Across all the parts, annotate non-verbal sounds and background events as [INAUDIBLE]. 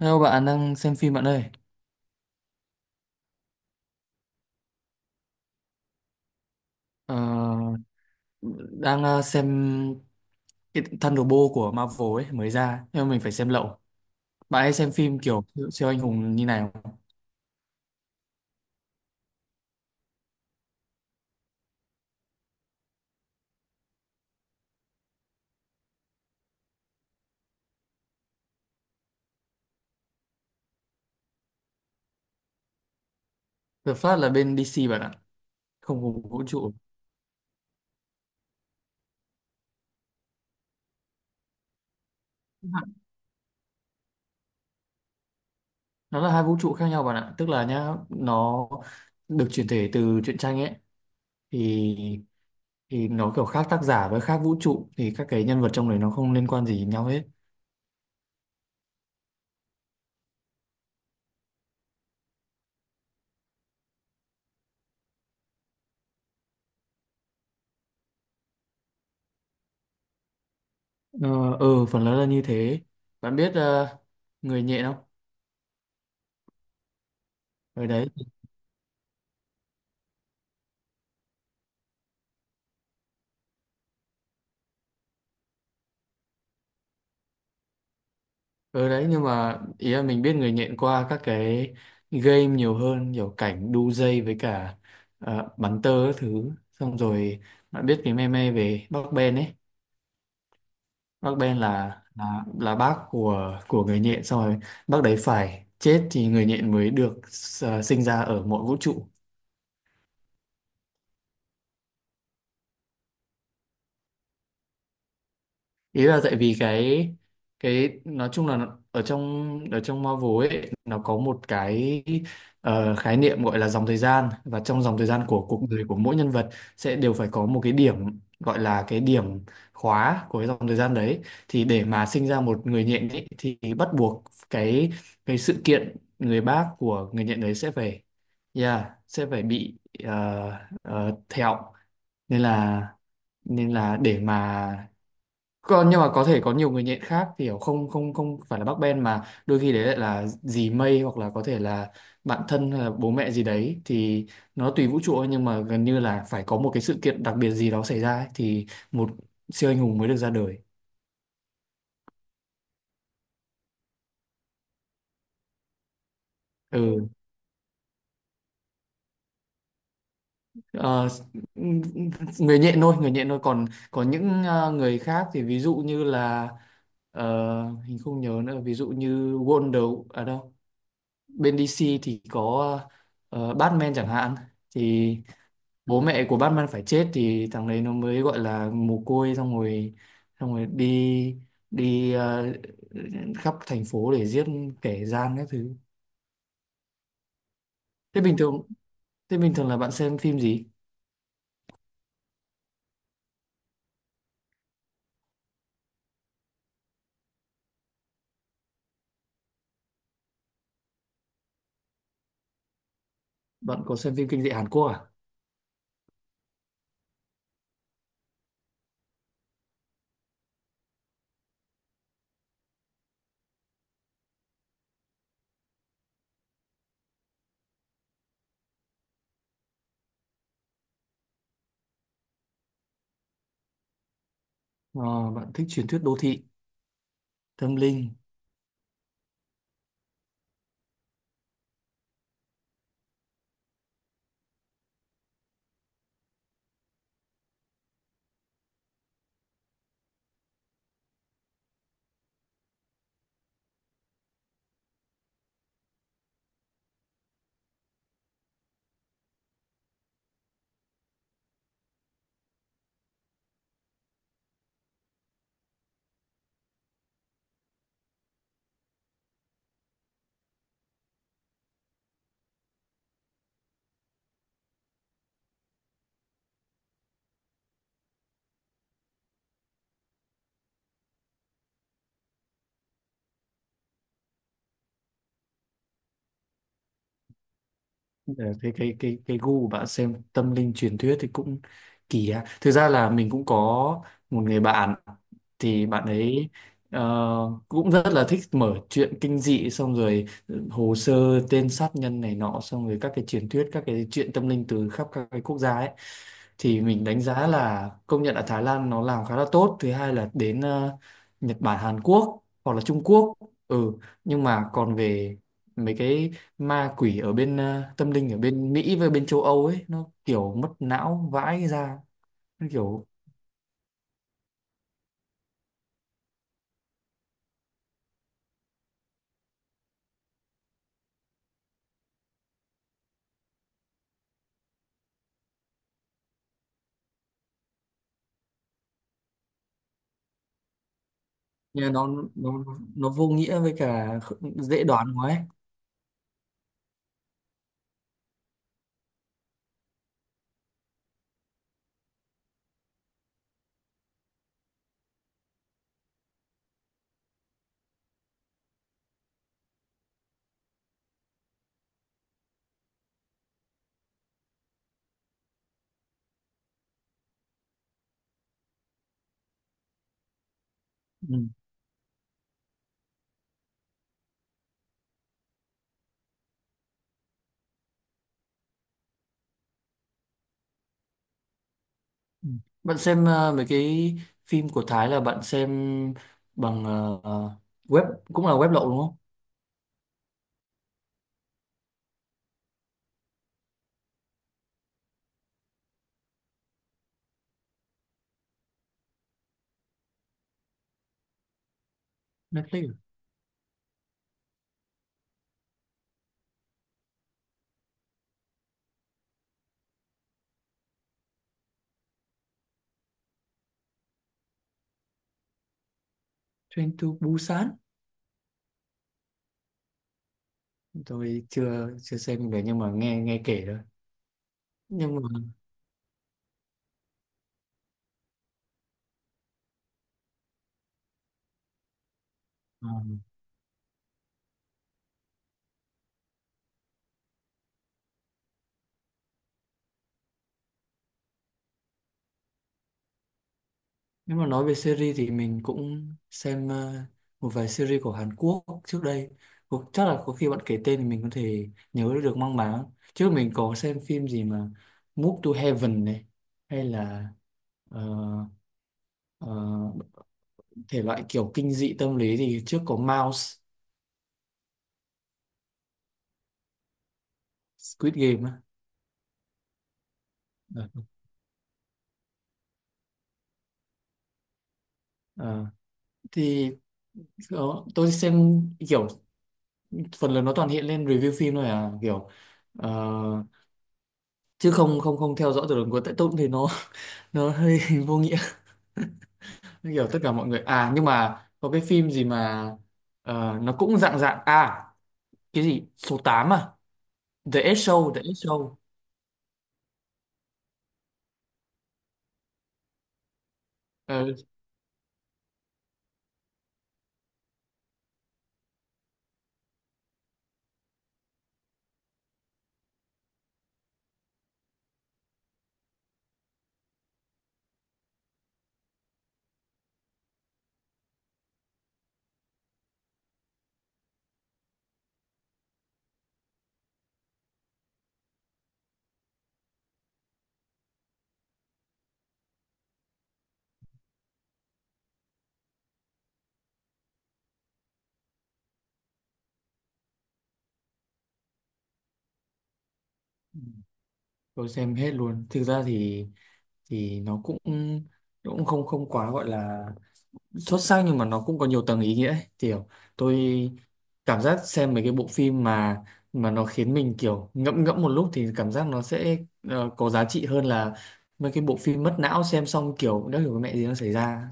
Hello, bạn đang xem phim bạn ơi. Ờ, đang xem cái Thunderbolt của Marvel ấy mới ra nhưng mà mình phải xem lậu. Bạn hay xem phim kiểu siêu anh hùng như này không? The Flash là bên DC bạn ạ, không cùng vũ trụ. Nó là hai vũ trụ khác nhau bạn ạ, tức là nhá, nó được chuyển thể từ truyện tranh ấy thì thì nó kiểu khác tác giả với khác vũ trụ thì các cái nhân vật trong đấy nó không liên quan gì đến nhau hết. Ờ ừ, phần lớn là như thế. Bạn biết người nhện không? Ở đấy. Ừ đấy, nhưng mà ý là mình biết người nhện qua các cái game nhiều hơn, kiểu cảnh đu dây với cả bắn tơ các thứ. Xong rồi bạn biết cái meme về bác Ben ấy, bác Ben là bác của người nhện, xong rồi bác đấy phải chết thì người nhện mới được sinh ra ở mọi vũ trụ. Ý là tại vì cái nói chung là ở trong Marvel ấy nó có một cái khái niệm gọi là dòng thời gian, và trong dòng thời gian của cuộc đời của mỗi nhân vật sẽ đều phải có một cái điểm, gọi là cái điểm khóa của cái dòng thời gian đấy. Thì để mà sinh ra một người nhện ấy, thì bắt buộc cái cái sự kiện người bác của người nhện đấy sẽ phải, yeah, sẽ phải bị, thẹo. Nên là nên là để mà, còn nhưng mà có thể có nhiều người nhện khác, kiểu không không không phải là bác Ben, mà đôi khi đấy lại là dì Mây, hoặc là có thể là bạn thân hay là bố mẹ gì đấy thì nó tùy vũ trụ thôi, nhưng mà gần như là phải có một cái sự kiện đặc biệt gì đó xảy ra ấy, thì một siêu anh hùng mới được ra đời. Ừ. ờ, Người nhện thôi, người nhện thôi, còn có những người khác thì ví dụ như là ờ, mình không nhớ nữa, ví dụ như Wonder ở à đâu, bên DC thì có Batman chẳng hạn, thì bố mẹ của Batman phải chết thì thằng đấy nó mới gọi là mồ côi. Xong rồi, xong rồi đi, đi khắp thành phố để giết kẻ gian các thứ. Thế bình thường thế bình thường là bạn xem phim gì? Bạn có xem phim kinh dị Hàn Quốc à? Ờ, bạn thích truyền thuyết đô thị tâm linh. Ờ, cái gu của bạn xem tâm linh truyền thuyết thì cũng kỳ ha. Thực ra là mình cũng có một người bạn thì bạn ấy ờ, cũng rất là thích mở chuyện kinh dị, xong rồi ừ, hồ sơ tên sát nhân này nọ, xong rồi các cái truyền thuyết, các cái chuyện tâm linh từ khắp các cái quốc gia ấy. Thì mình đánh giá là công nhận là Thái Lan nó làm khá là tốt, thứ hai là đến Nhật Bản, Hàn Quốc, hoặc là Trung Quốc. Ừ, nhưng mà còn về mấy cái ma quỷ ở bên tâm linh ở bên Mỹ với bên châu Âu ấy nó kiểu mất não vãi ra. Nó kiểu, như nó, nó nó vô nghĩa với cả dễ đoán quá ấy. Ừ. Ừ. Bạn xem mấy cái phim của Thái là bạn xem bằng web, cũng là web lậu đúng không? Netflix à? Train to Busan. Tôi chưa chưa xem được nhưng mà nghe, nghe kể thôi. Nhưng mà ờ, nếu mà nói về series thì mình cũng xem một vài series của Hàn Quốc trước đây. Chắc là có khi bạn kể tên thì mình có thể nhớ được mang máng. Trước mình có xem phim gì mà Move to Heaven này, hay là ờ, ờ, thể loại kiểu kinh dị tâm lý thì trước có Mouse. Squid Game á. Ờ, ờ. Thì ờ, tôi xem kiểu phần lớn nó toàn hiện lên review phim thôi à, kiểu ờ, chứ không không không theo dõi từ đầu cuối, tại tôi cũng thấy nó [LAUGHS] nó hơi [LAUGHS] vô nghĩa. Nó kiểu tất cả mọi người, à nhưng mà có cái phim gì mà nó cũng dạng dạng, à cái gì số 8 à, The Ed Show. Ờ, tôi xem hết luôn thực ra. Thì nó cũng cũng không không quá gọi là xuất sắc, nhưng mà nó cũng có nhiều tầng ý nghĩa ấy. Kiểu tôi cảm giác xem mấy cái bộ phim mà nó khiến mình kiểu ngẫm ngẫm một lúc thì cảm giác nó sẽ có giá trị hơn là mấy cái bộ phim mất não xem xong kiểu đã hiểu cái mẹ gì nó xảy ra.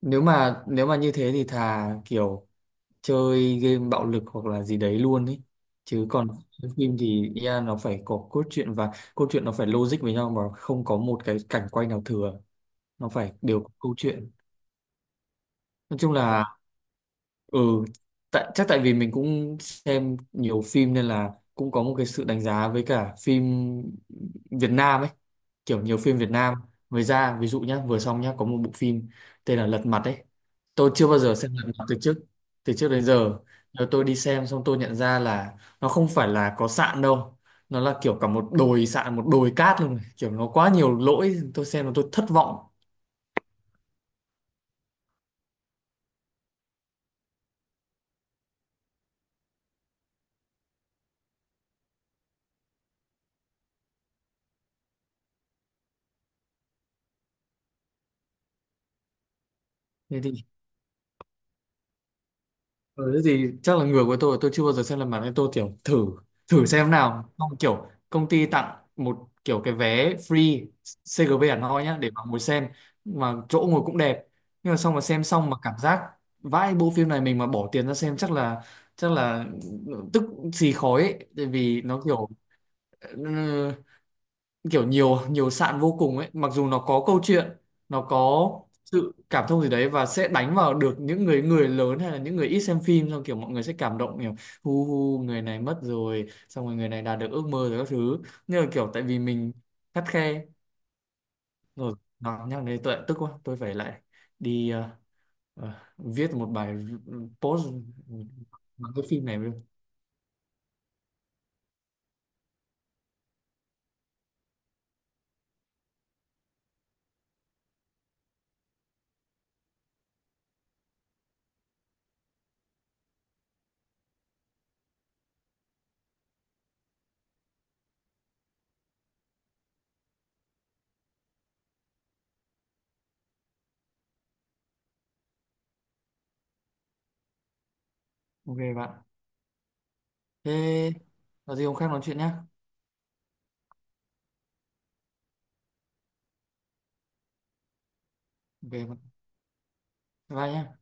Nếu mà như thế thì thà kiểu chơi game bạo lực hoặc là gì đấy luôn ấy, chứ còn [LAUGHS] phim thì yeah, nó phải có cốt truyện, và cốt truyện nó phải logic với nhau, mà không có một cái cảnh quay nào thừa, nó phải đều có câu chuyện. Nói chung là ừ, tại chắc tại vì mình cũng xem nhiều phim nên là cũng có một cái sự đánh giá với cả phim Việt Nam ấy. Kiểu nhiều phim Việt Nam mới ra, ví dụ nhá, vừa xong nhá, có một bộ phim tên là Lật Mặt ấy. Tôi chưa bao giờ xem Lật Mặt từ trước đến giờ. Rồi tôi đi xem xong tôi nhận ra là nó không phải là có sạn đâu, nó là kiểu cả một đồi sạn, một đồi cát luôn, kiểu nó quá nhiều lỗi, tôi xem mà tôi thất vọng. Thế thì, ừ, thế thì chắc là người của tôi chưa bao giờ xem lần bản nên tôi kiểu thử, thử xem nào, xong kiểu công ty tặng một kiểu cái vé free CGV Hà Nội nhá, để mà ngồi xem, mà chỗ ngồi cũng đẹp. Nhưng mà xong mà xem xong mà cảm giác vãi, bộ phim này mình mà bỏ tiền ra xem chắc là, chắc là tức xì khói ấy, tại vì nó kiểu, kiểu nhiều nhiều sạn vô cùng ấy, mặc dù nó có câu chuyện, nó có sự cảm thông gì đấy, và sẽ đánh vào được những người người lớn hay là những người ít xem phim, xong kiểu mọi người sẽ cảm động, kiểu hu hu người này mất rồi, xong rồi người này đạt được ước mơ rồi các thứ. Nhưng mà kiểu tại vì mình khắt khe rồi, nó nhắc đến tuệ tức quá, tôi phải lại đi viết một bài post bằng cái phim này luôn. Ok bạn, thế có gì hôm khác nói chuyện nhá. Ok bạn. Bye nhá.